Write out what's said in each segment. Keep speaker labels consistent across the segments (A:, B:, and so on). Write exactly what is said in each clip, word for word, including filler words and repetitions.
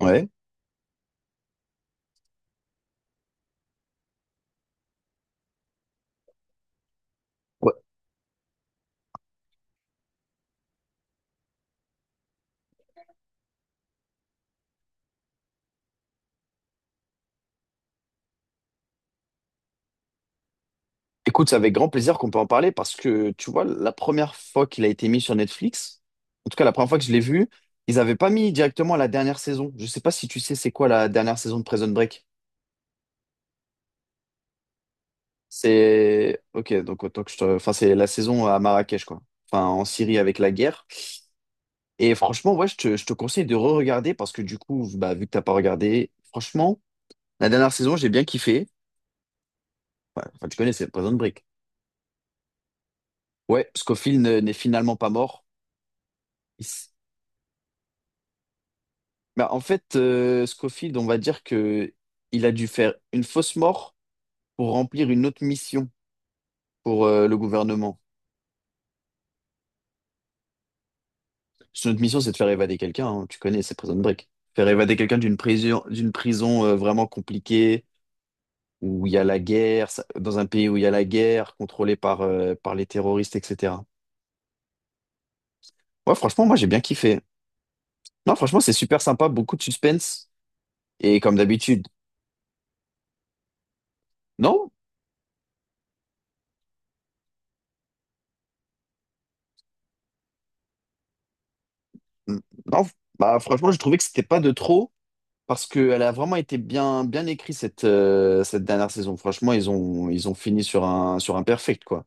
A: Ouais. Ouais. Écoute, c'est avec grand plaisir qu'on peut en parler parce que, tu vois, la première fois qu'il a été mis sur Netflix, en tout cas la première fois que je l'ai vu, ils n'avaient pas mis directement la dernière saison. Je sais pas si tu sais c'est quoi la dernière saison de Prison Break. C'est... Ok, donc autant que je te... Enfin, c'est la saison à Marrakech, quoi. Enfin, en Syrie avec la guerre. Et franchement, ouais, je te, je te conseille de re-regarder parce que du coup, bah, vu que t'as pas regardé, franchement, la dernière saison, j'ai bien kiffé. Ouais, enfin, tu connais, c'est Prison Break. Ouais, Scofield ne- n'est finalement pas mort. Bah, en fait, euh, Scofield, on va dire que il a dû faire une fausse mort pour remplir une autre mission pour euh, le gouvernement. Son autre mission, c'est de faire évader quelqu'un, hein. Tu connais, c'est Prison Break. Faire évader quelqu'un d'une prison, d'une prison euh, vraiment compliquée où il y a la guerre, ça- dans un pays où il y a la guerre, contrôlé par euh, par les terroristes, et cetera. Ouais, franchement, moi j'ai bien kiffé. Non, franchement, c'est super sympa, beaucoup de suspense et comme d'habitude. Non, non. Bah, franchement, je trouvais que c'était pas de trop. Parce qu'elle a vraiment été bien, bien écrite cette, euh, cette dernière saison. Franchement, ils ont, ils ont fini sur un, sur un perfect, quoi.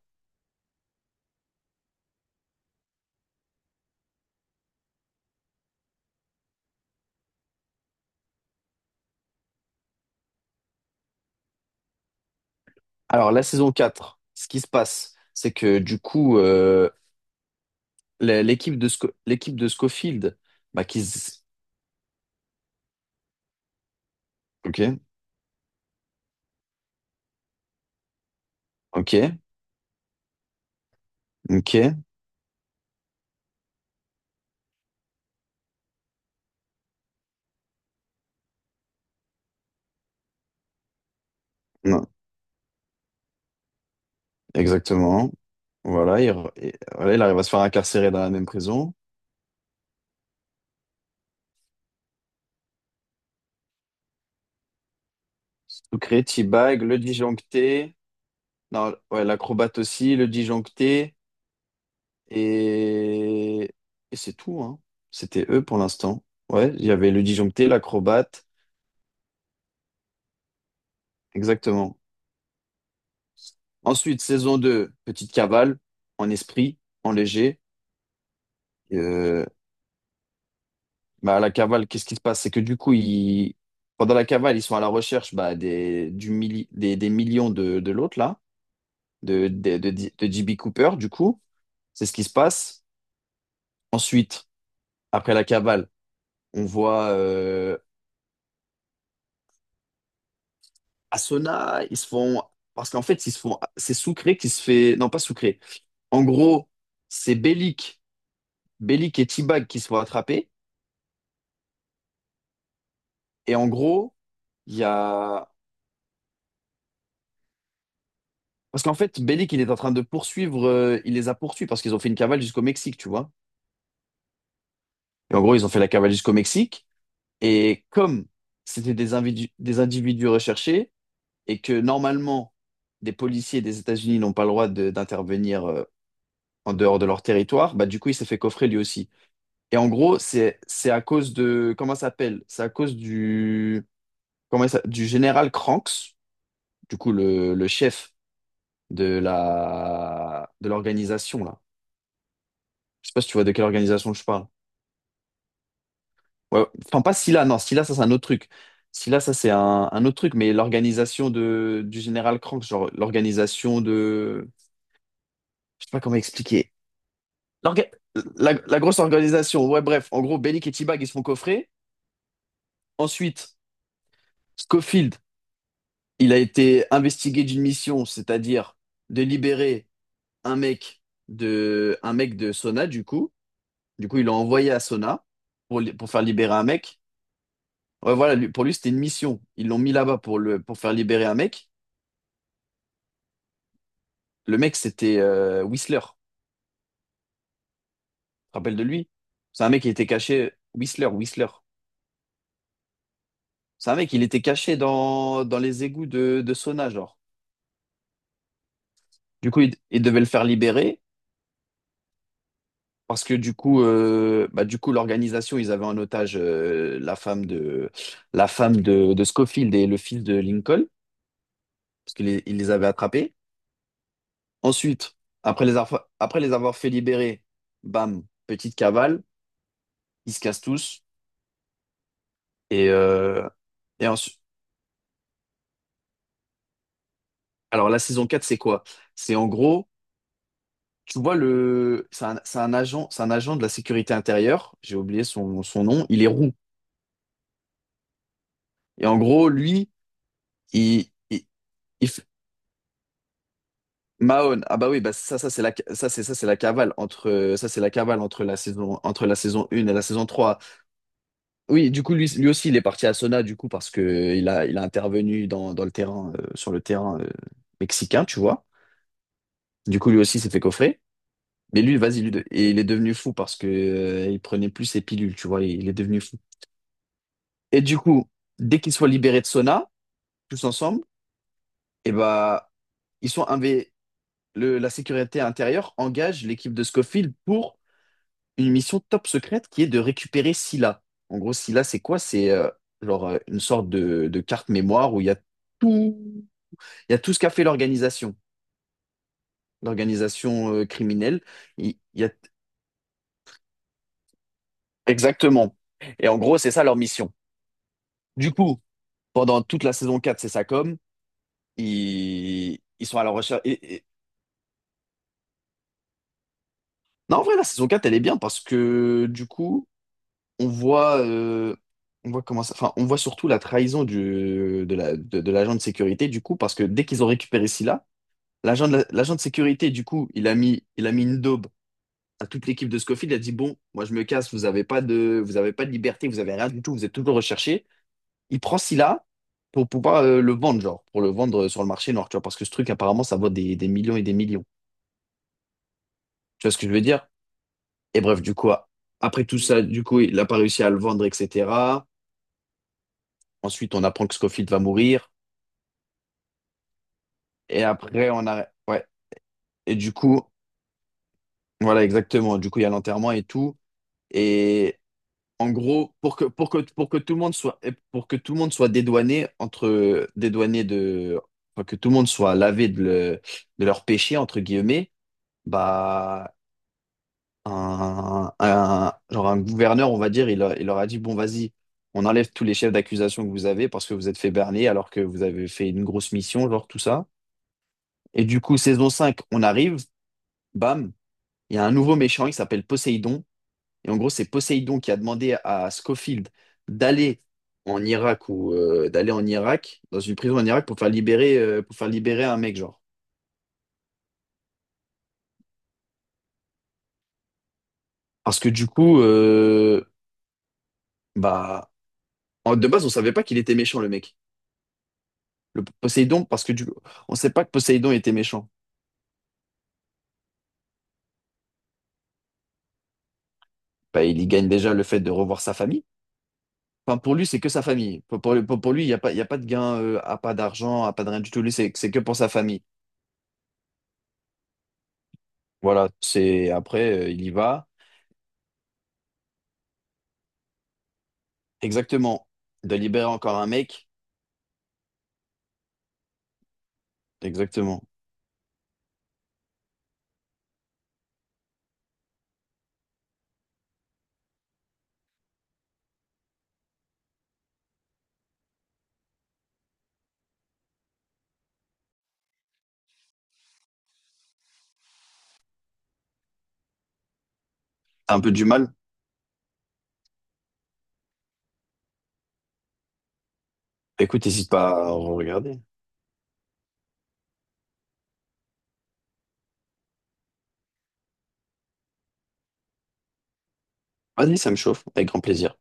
A: Alors, la saison quatre, ce qui se passe, c'est que du coup, euh, la- l'équipe de, Sco- l'équipe de Schofield, bah, qui s- Ok, ok, ok, non, exactement. Voilà il, re- et- voilà, il arrive à se faire incarcérer dans la même prison. Sucré, T-Bag, le disjoncté, non, ouais, l'acrobate aussi, le disjoncté. Et, et c'est tout, hein. C'était eux pour l'instant. Ouais, il y avait le disjoncté, l'acrobate, exactement. Ensuite, saison deux, petite cavale, en esprit, en léger. Euh, bah, à la cavale, qu'est-ce qui se passe? C'est que du coup, ils, pendant la cavale, ils sont à la recherche bah, des, du milli- des, des millions de, de l'autre, là, de, de, de, de J B Cooper, du coup. C'est ce qui se passe. Ensuite, après la cavale, on voit euh, Asuna, ils se font. Parce qu'en fait, ils se font. C'est Sucré qui se fait. Non, pas Sucré. En gros, c'est Bellic. Bellic et T-Bag qui se font attraper. Et en gros, il y a. Parce qu'en fait, Bellic, il est en train de poursuivre. euh, il les a poursuivis parce qu'ils ont fait une cavale jusqu'au Mexique, tu vois. Et en gros, ils ont fait la cavale jusqu'au Mexique. Et comme c'était des individus, des individus recherchés et que normalement, des policiers des États-Unis n'ont pas le droit de- d'intervenir euh, en dehors de leur territoire, bah, du coup, il s'est fait coffrer lui aussi. Et en gros, c'est c'est à cause de comment ça s'appelle? C'est à cause du comment ça, du général Kranks, du coup le, le chef de la de l'organisation là. Je sais pas si tu vois de quelle organisation je parle. Ouais, enfin pas Scylla, non, Scylla ça c'est un autre truc. Scylla ça c'est un, un autre truc, mais l'organisation de du général Kranks, genre l'organisation de je sais pas comment expliquer. L'orga- La, la grosse organisation, ouais bref, en gros Bellic et T-Bag ils se font coffrer. Ensuite, Scofield il a été investigué d'une mission, c'est-à-dire de libérer un mec de, un mec de Sona, du coup. Du coup, ils l'ont envoyé à Sona pour, li- pour faire libérer un mec. Ouais, voilà, lui- pour lui, c'était une mission. Ils l'ont mis là-bas pour le, pour faire libérer un mec. Le mec, c'était euh, Whistler. Tu te rappelles de lui? C'est un mec qui était caché. Whistler, Whistler. C'est un mec, il était caché dans, dans les égouts de, de Sona, genre. Du coup, il, il devait le faire libérer. Parce que du coup, euh, bah, du coup, l'organisation, ils avaient en otage euh, la femme de la femme de, de Scofield et le fils de Lincoln, parce qu'ils les, ils les avaient attrapés. Ensuite, après les, avoir- après les avoir fait libérer, bam, petite cavale, ils se cassent tous. Et, euh, et ensuite, alors la saison quatre c'est quoi? C'est en gros, tu vois, le, c'est un, c'est un agent, c'est un agent de la sécurité intérieure, j'ai oublié son, son nom, il est roux. Et en gros, lui, il, il, Mahone, ah bah oui, bah ça, ça c'est la, ça c'est ça c'est la cavale entre, ça c'est la cavale entre la saison, entre la saison un et la saison trois. Oui, du coup lui, lui aussi il est parti à Sona du coup parce que il a, il a intervenu dans, dans le terrain, euh, sur le terrain euh, mexicain, tu vois. Du coup lui aussi s'est fait coffrer. Mais lui, vas-y, lui, de- et il est devenu fou parce que euh, il prenait plus ses pilules, tu vois, il, il est devenu fou. Et du coup, dès qu'ils soient libérés de Sona, tous ensemble, et bah ils sont inv- le, la sécurité intérieure engage l'équipe de Scofield pour une mission top secrète qui est de récupérer Scylla. En gros, Scylla, c'est quoi? C'est euh, genre euh, une sorte de, de carte mémoire où il y a tout, il y a tout ce qu'a fait l'organisation, l'organisation euh, criminelle. Il, il y a exactement. Et en gros, c'est ça leur mission. Du coup, pendant toute la saison quatre, c'est ça comme ils, ils sont à la recherche. et- et- Non, en vrai, la saison quatre, elle est bien parce que du coup, on voit, euh, on voit comment ça, enfin, on voit surtout la trahison du, de la, de, de l'agent de sécurité, du coup, parce que dès qu'ils ont récupéré Scylla, l'agent de, la- l'agent de sécurité, du coup, il a mis, il a mis une daube à toute l'équipe de Scofield. Il a dit, bon, moi, je me casse, vous avez pas de, vous avez pas de liberté, vous avez rien du tout, vous êtes toujours recherché. Il prend Scylla pour pouvoir euh, le vendre, genre, pour le vendre euh, sur le marché noir, tu vois, parce que ce truc, apparemment, ça vaut des, des millions et des millions. Tu vois ce que je veux dire? Et bref, du coup, après tout ça, du coup, il n'a pas réussi à le vendre, et cetera. Ensuite, on apprend que Scofield va mourir. Et après, on a... Ouais. Et du coup, voilà, exactement. Du coup, il y a l'enterrement et tout. Et en gros, pour que, pour que, pour que tout le monde soit, et pour que tout le monde soit dédouané entre, dédouané de, enfin, que tout le monde soit lavé de, le- de leur péché, entre guillemets, bah, un, un- genre un gouverneur, on va dire, il, a- il leur a dit, bon, vas-y, on enlève tous les chefs d'accusation que vous avez parce que vous êtes fait berner alors que vous avez fait une grosse mission, genre tout ça. Et du coup, saison cinq on arrive, bam, il y a un nouveau méchant, il s'appelle Poséidon. Et en gros, c'est Poséidon qui a demandé à Scofield d'aller en Irak ou euh, d'aller en Irak, dans une prison en Irak, pour faire libérer, euh, pour faire libérer un mec, genre. Parce que du coup, euh, bah, en- de base, on savait pas qu'il était méchant, le mec. Le Poséidon, parce que du coup, on sait pas que Poséidon était méchant. Bah, il y gagne déjà le fait de revoir sa famille. Enfin, pour lui, c'est que sa famille. Pour, pour, pour pour lui, il n'y a pas, il y a pas de gain, euh, à pas d'argent, à pas de rien du tout. Lui, c'est c'est que pour sa famille. Voilà, c'est après, euh, il y va. Exactement. De libérer encore un mec. Exactement. T'as un peu du mal? Écoute, n'hésite pas à regarder. Vas-y, ça me chauffe, avec grand plaisir.